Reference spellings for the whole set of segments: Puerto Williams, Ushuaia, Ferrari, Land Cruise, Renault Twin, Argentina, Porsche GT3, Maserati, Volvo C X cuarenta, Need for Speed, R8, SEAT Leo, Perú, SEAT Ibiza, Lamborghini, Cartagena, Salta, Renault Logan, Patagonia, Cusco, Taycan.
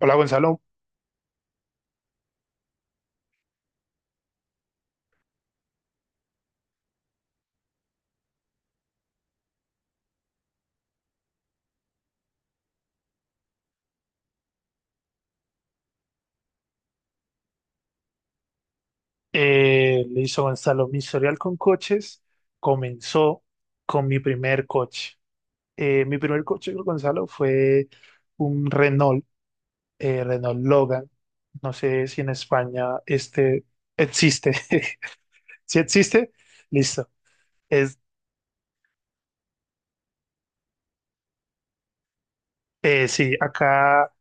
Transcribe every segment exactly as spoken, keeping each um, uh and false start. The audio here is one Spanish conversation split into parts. Hola, Gonzalo. Eh, le hizo Gonzalo mi historial con coches, comenzó con mi primer coche. Eh, mi primer coche, Gonzalo, fue un Renault, eh, Renault Logan. No sé si en España este existe. Si existe, listo. Es Eh, sí, acá,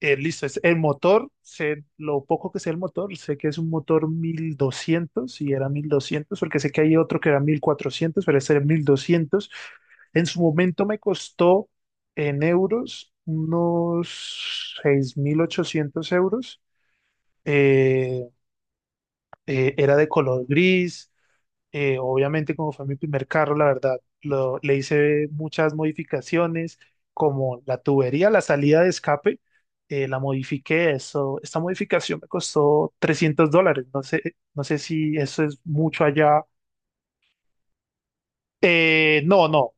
eh, listo, es el motor, sé lo poco que sé el motor, sé que es un motor mil doscientos, y era mil doscientos, porque sé que hay otro que era mil cuatrocientos, pero este era mil doscientos. En su momento me costó en euros unos seis mil ochocientos euros. Eh, eh, Era de color gris, eh, obviamente, como fue mi primer carro, la verdad, lo- le hice muchas modificaciones, como la tubería, la salida de escape, eh, la modifiqué. Eso, esta modificación me costó trescientos dólares. No sé, no sé si eso es mucho allá. Eh, no, no.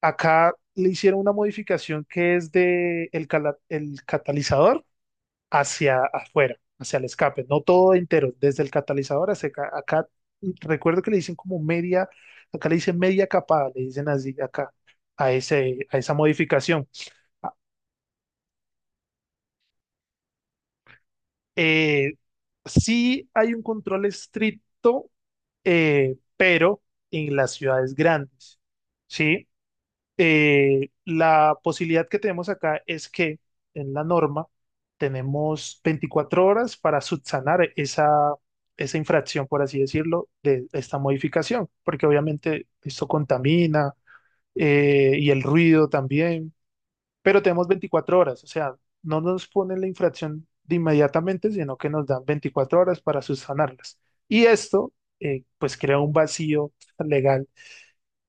Acá le hicieron una modificación que es de el, cala- el catalizador hacia afuera, hacia el escape, no todo entero, desde el catalizador hacia acá. Acá, recuerdo que le dicen como media, acá le dicen media capa, le dicen así acá, a ese, a esa modificación. Ah. Eh, sí, hay un control estricto, eh, pero en las ciudades grandes, ¿sí? Eh, la posibilidad que tenemos acá es que en la norma tenemos veinticuatro horas para subsanar esa, esa infracción, por así decirlo, de esta modificación, porque obviamente esto contamina, eh, y el ruido también, pero tenemos veinticuatro horas, o sea, no nos ponen la infracción de inmediatamente, sino que nos dan veinticuatro horas para subsanarlas. Y esto, eh, pues, crea un vacío legal,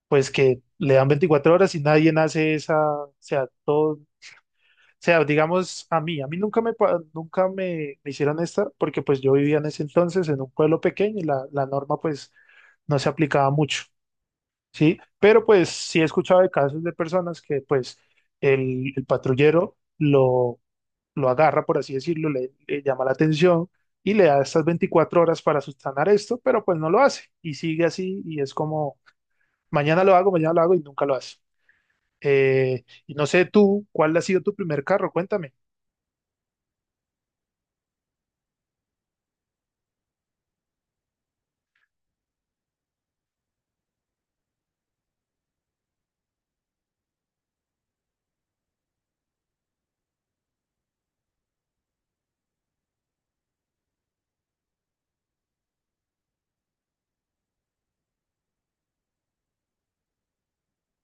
pues que le dan veinticuatro horas y nadie hace esa, o sea, todo, o sea, digamos a mí, a mí nunca me, pa- nunca me, me hicieron esta, porque pues yo vivía en ese entonces en un pueblo pequeño y la, la norma, pues, no se aplicaba mucho, ¿sí? Pero pues sí he escuchado de casos de personas que pues el, el patrullero lo, lo agarra, por así decirlo, le, le llama la atención. Y le da estas veinticuatro horas para subsanar esto, pero pues no lo hace. Y sigue así y es como, mañana lo hago, mañana lo hago, y nunca lo hace. Eh, y no sé tú, ¿cuál ha sido tu primer carro? Cuéntame.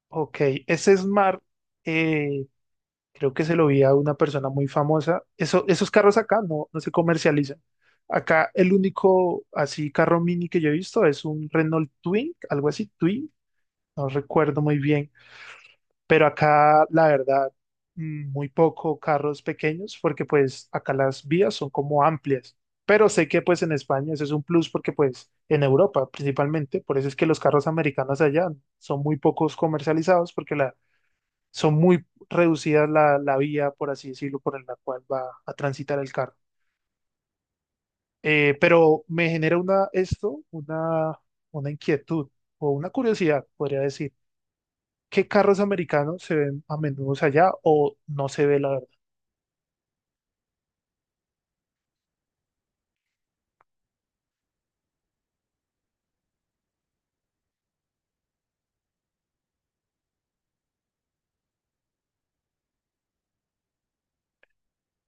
Ok, ese Smart, eh, creo que se lo vi a una persona muy famosa. Eso, esos carros acá no, no se comercializan. Acá el único así carro mini que yo he visto es un Renault Twin, algo así, Twin, no recuerdo muy bien. Pero acá la verdad, mm, muy poco carros pequeños, porque pues acá las vías son como amplias, pero sé que pues en España eso es un plus, porque pues en Europa principalmente, por eso es que los carros americanos allá son muy pocos comercializados, porque la, son muy reducidas la, la vía, por así decirlo, por la cual va a transitar el carro. Eh, pero me genera una, esto, una, una inquietud o una curiosidad, podría decir. ¿Qué carros americanos se ven a menudo allá, o no se ve, la verdad?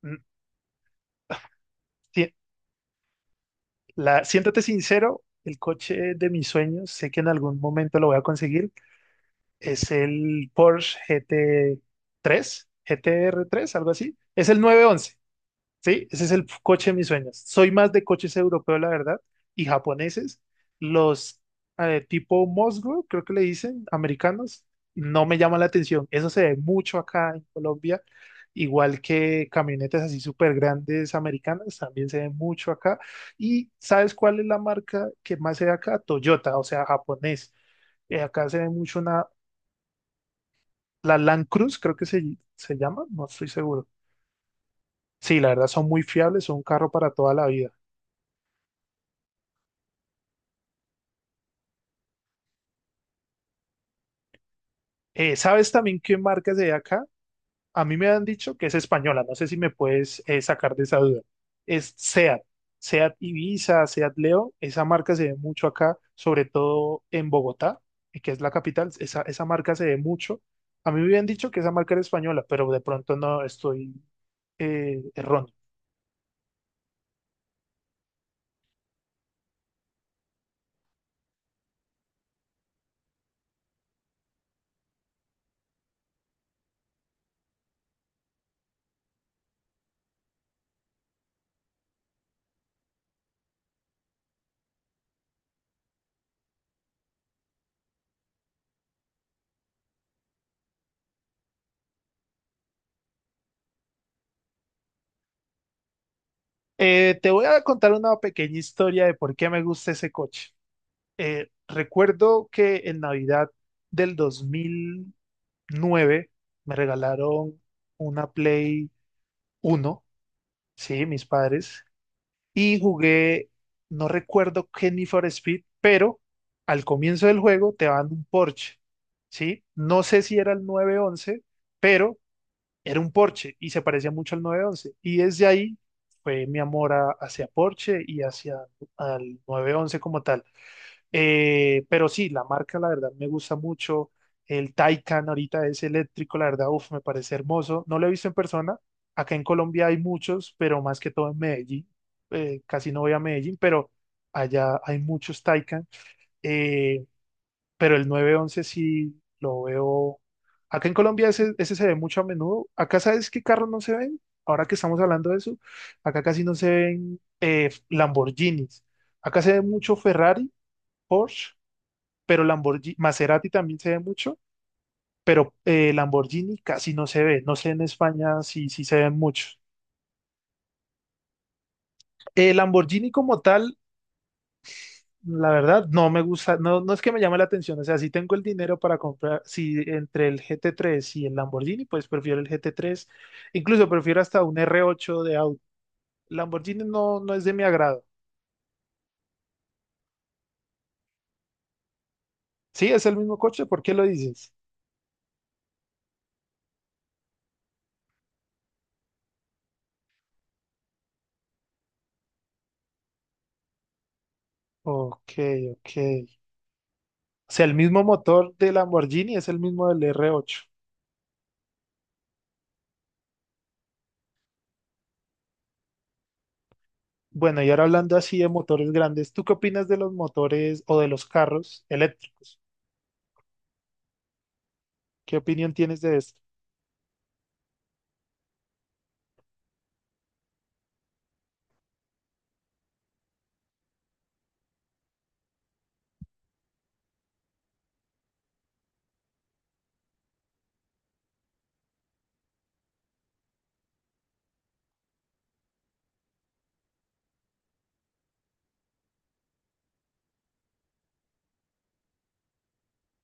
Mm, si- la- Siéntate sincero, el coche de mis sueños, sé que en algún momento lo voy a conseguir, es el Porsche G T tres, G T R tres, algo así. Es el nueve once. Sí, ese es el coche de mis sueños. Soy más de coches europeos, la verdad, y japoneses. Los eh, tipo Mosgo, creo que le dicen, americanos, no me llaman la atención. Eso se ve mucho acá en Colombia, igual que camionetas así súper grandes americanas, también se ve mucho acá. ¿Y sabes cuál es la marca que más se ve acá? Toyota, o sea, japonés. Eh, acá se ve mucho una, la Land Cruise, creo que se, se llama, no estoy seguro. Sí, la verdad, son muy fiables, son un carro para toda la vida. Eh, ¿sabes también qué marca es de acá? A mí me han dicho que es española, no sé si me puedes, eh, sacar de esa duda. Es SEAT, SEAT Ibiza, SEAT Leo, esa marca se ve mucho acá, sobre todo en Bogotá, eh, que es la capital. Esa, esa marca se ve mucho. A mí me habían dicho que esa marca era española, pero de pronto no estoy, eh, erróneo. Eh, te voy a contar una pequeña historia de por qué me gusta ese coche. Eh, recuerdo que en Navidad del nueve me regalaron una Play uno, sí, mis padres, y jugué, no recuerdo qué Need for Speed, pero al comienzo del juego te dan un Porsche, sí, no sé si era el nueve once, pero era un Porsche y se parecía mucho al nueve once, y desde ahí fue mi amor a- hacia Porsche y hacia al nueve once como tal. Eh, pero sí, la marca, la verdad, me gusta mucho. El Taycan ahorita es eléctrico, la verdad, uf, me parece hermoso. No lo he visto en persona. Acá en Colombia hay muchos, pero más que todo en Medellín. Eh, casi no voy a Medellín, pero allá hay muchos Taycan. Eh, pero el nueve once sí lo veo. Acá en Colombia ese, ese se ve mucho a menudo. Acá, ¿sabes qué carros no se ven? Ahora que estamos hablando de eso, acá casi no se ven, eh, Lamborghinis. Acá se ve mucho Ferrari, Porsche, pero Lamborghini, Maserati también se ve mucho, pero eh, Lamborghini casi no se ve. No sé en España si, si se ven muchos. Eh, Lamborghini como tal, la verdad, no me gusta, no, no es que me llame la atención. O sea, si tengo el dinero para comprar, si entre el G T tres y el Lamborghini, pues prefiero el G T tres. Incluso prefiero hasta un R ocho de auto. Lamborghini no, no es de mi agrado. Sí, es el mismo coche, ¿por qué lo dices? Ok, ok. O sea, el mismo motor de Lamborghini es el mismo del R ocho. Bueno, y ahora hablando así de motores grandes, ¿tú qué opinas de los motores o de los carros eléctricos? ¿Qué opinión tienes de esto?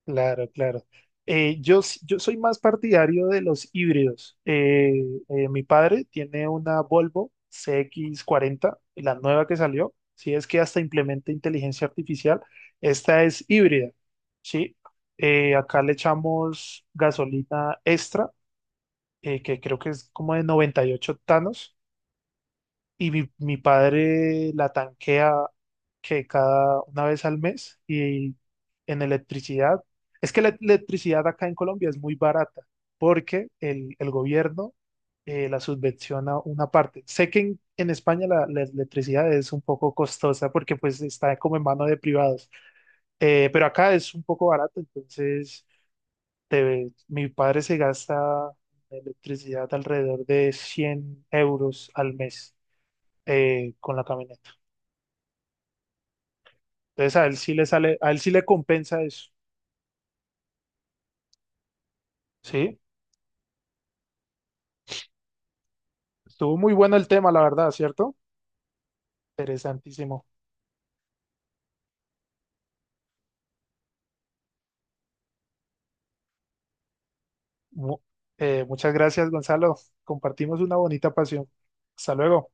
Claro, claro. Eh, yo, s- yo soy más partidario de los híbridos. Eh, eh, mi padre tiene una Volvo C X cuarenta, la nueva que salió, si es que hasta implementa inteligencia artificial. Esta es híbrida, ¿sí? Eh, acá le echamos gasolina extra, eh, que creo que es como de noventa y ocho octanos, y mi, mi padre la tanquea, que cada una vez al mes, y en electricidad. Es que la electricidad acá en Colombia es muy barata, porque el, el gobierno, eh, la subvenciona una parte. Sé que en, en España la, la electricidad es un poco costosa, porque pues está como en mano de privados. Eh, pero acá es un poco barato, entonces te- mi padre se gasta en electricidad alrededor de cien euros al mes, eh, con la camioneta. Entonces a él sí le sale, a él sí le compensa eso. Sí, estuvo muy bueno el tema, la verdad, ¿cierto? Interesantísimo. Mu- eh, muchas gracias, Gonzalo. Compartimos una bonita pasión. Hasta luego.